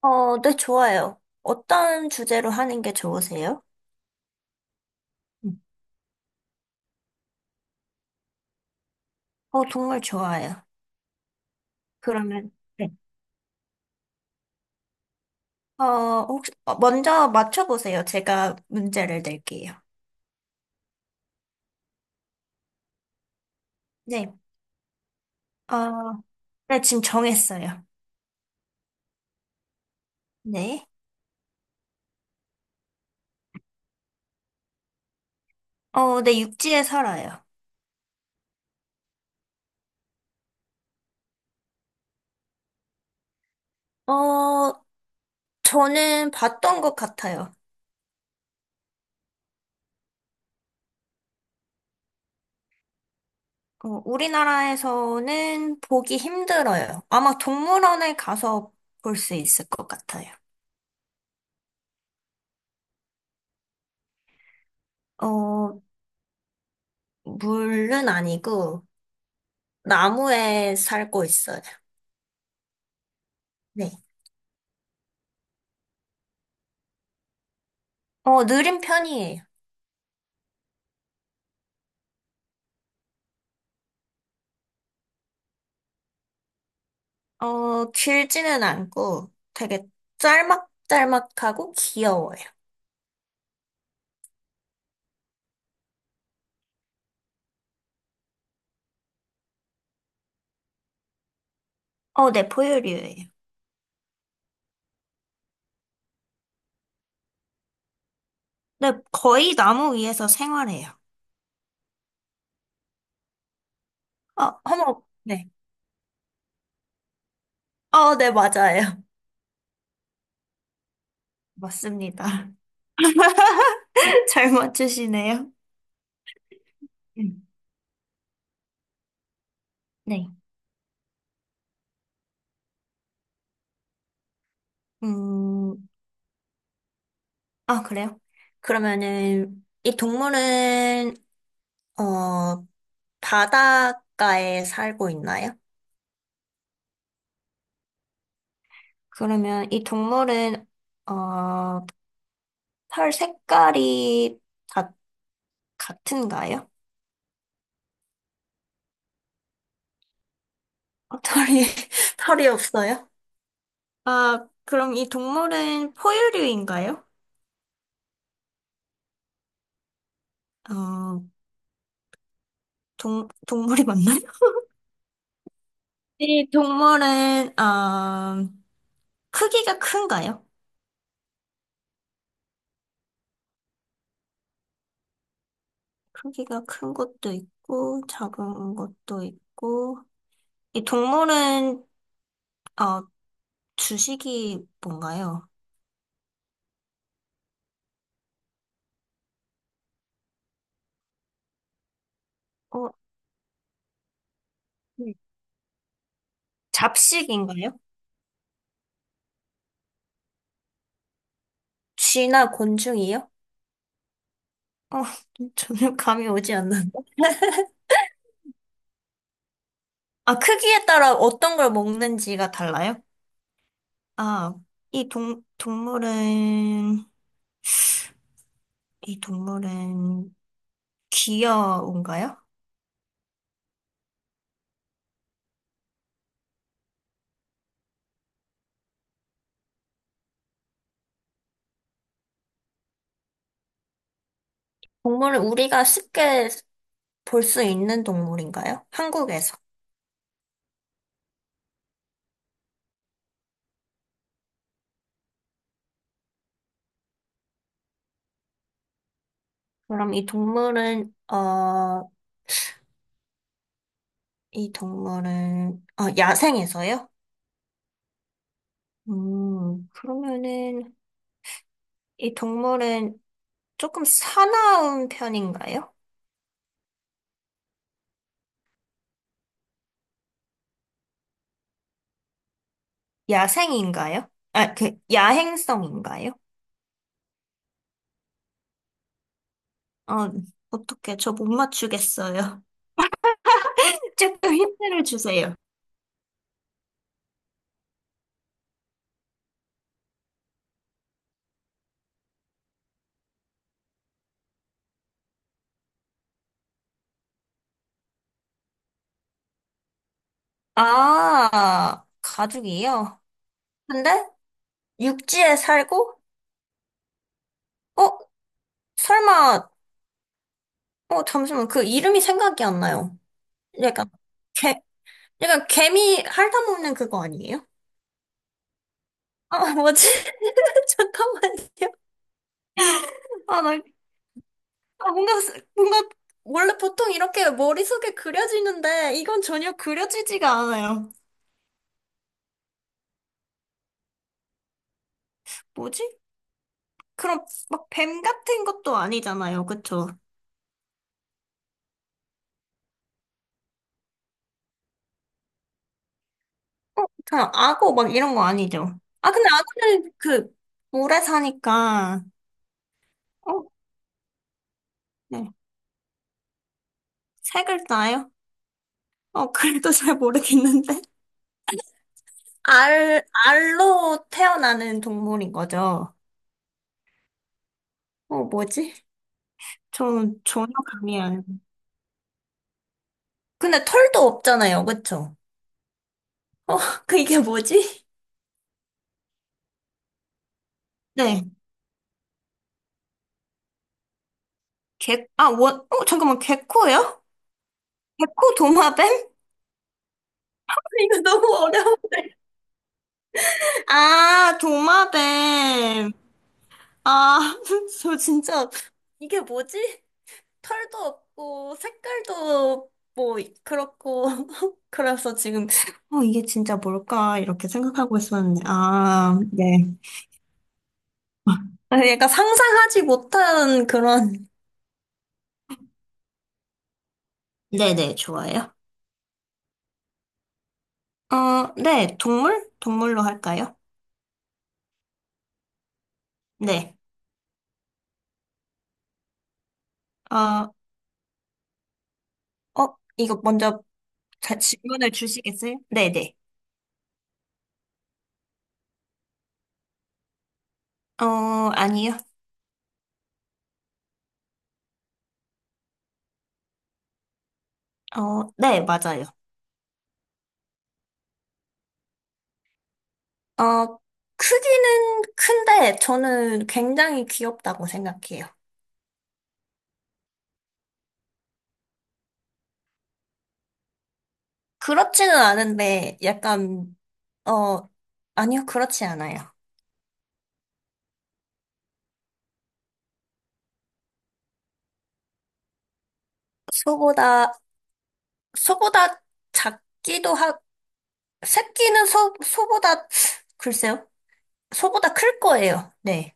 네, 좋아요. 어떤 주제로 하는 게 좋으세요? 음. 정말 좋아요. 그러면, 네. 어, 혹시, 먼저 맞춰보세요. 제가 문제를 낼게요. 네. 어, 네, 지금 정했어요. 네. 네, 육지에 살아요. 어, 저는 봤던 것 같아요. 우리나라에서는 보기 힘들어요. 아마 동물원에 가서 볼 수 있을 것 같아요. 어, 물은 아니고, 나무에 살고 있어요. 네. 느린 편이에요. 길지는 않고 되게 짤막짤막하고 귀여워요. 네, 포유류예요. 네, 거의 나무 위에서 생활해요. 어머, 네. 네, 맞아요. 맞습니다. 잘 맞추시네요. 음, 네. 음, 아, 그래요? 그러면은, 이 동물은, 어, 바닷가에 살고 있나요? 그러면 이 동물은, 어, 털 색깔이 다 같은가요? 어, 털이, 털이 없어요? 아, 그럼 이 동물은 포유류인가요? 어, 동물이 맞나요? 이 동물은, 크기가 큰가요? 크기가 큰 것도 있고, 작은 것도 있고, 이 동물은, 어, 주식이 뭔가요? 어, 네. 잡식인가요? 쥐나 곤충이요? 어, 전혀 감이 오지 않는다. 아, 크기에 따라 어떤 걸 먹는지가 달라요? 아, 이 동, 동물은, 이 동물은 귀여운가요? 동물은 우리가 쉽게 볼 수 있는 동물인가요? 한국에서. 그럼 이 동물은, 야생에서요? 그러면은, 이 동물은 조금 사나운 편인가요? 야생인가요? 아, 야행성인가요? 어, 어떻게 저 못 맞추겠어요. 조금 힌트를 주세요. 아, 가죽이요? 근데 육지에 살고? 어? 설마, 잠시만, 그 이름이 생각이 안 나요. 약간, 개, 약간 개미 핥아먹는 그거 아니에요? 아, 뭐지? 잠깐만요. 아, 나, 아, 뭔가, 스- 뭔가, 원래 보통 이렇게 머릿속에 그려지는데, 이건 전혀 그려지지가 않아요. 뭐지? 그럼 막 뱀 같은 것도 아니잖아요, 그쵸? 그냥 악어 막 이런 거 아니죠? 아, 근데 악어는 그 물에 사니까 어, 네. 세 글자예요? 그래도 잘 모르겠는데. 알로 태어나는 동물인 거죠. 뭐지? 저는 전혀 감이 안. 근데 털도 없잖아요, 그쵸? 어, 이게 뭐지? 네. 아, 잠깐만, 개코예요? 개코 도마뱀? 이거 너무 어려운데. 아, 도마뱀. 아, 저 진짜, 이게 뭐지? 털도 없고, 색깔도 뭐, 그렇고. 그래서 지금, 이게 진짜 뭘까? 이렇게 생각하고 있었는데. 아, 네. 아, 약간 상상하지 못한 그런. 네네, 좋아요. 네, 동물? 동물로 할까요? 네. 어, 이거 먼저 질문을 주시겠어요? 네네. 어, 아니요. 네, 맞아요. 어, 크기는 큰데 저는 굉장히 귀엽다고 생각해요. 그렇지는 않은데 약간 어 아니요, 그렇지 않아요. 소보다 소보다 작기도 하 새끼는 소 소보다, 글쎄요, 소보다 클 거예요. 네.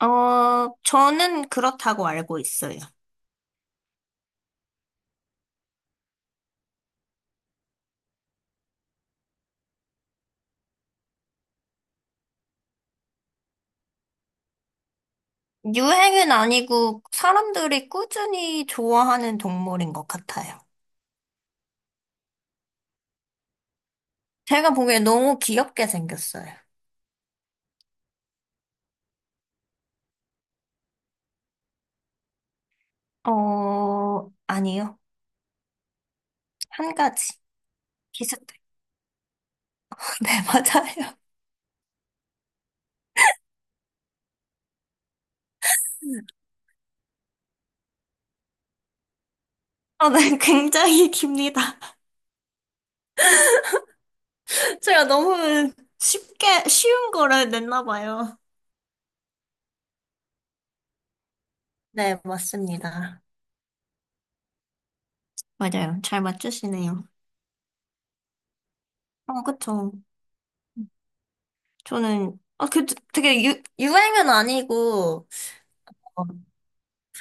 저는 그렇다고 알고 있어요. 유행은 아니고 사람들이 꾸준히 좋아하는 동물인 것 같아요. 제가 보기엔 너무 귀엽게 생겼어요. 아니요. 한 가지. 비슷해요. 네, 맞아요. 네, 굉장히 깁니다. 제가 너무 쉽게, 쉬운 거를 냈나 봐요. 네, 맞습니다. 맞아요. 잘 맞추시네요. 그쵸. 저는, 아, 되게 유행은 아니고, 어,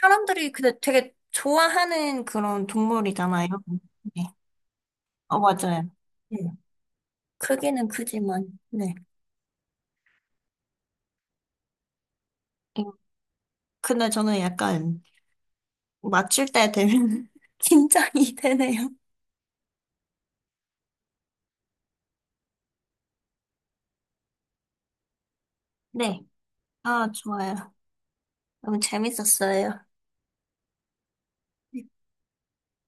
사람들이 근데 되게 좋아하는 그런 동물이잖아요. 네. 맞아요. 네. 크기는 크지만, 네. 음, 근데 저는 약간 맞출 때 되면. 긴장이 되네요. 네. 아, 좋아요. 너무 재밌었어요.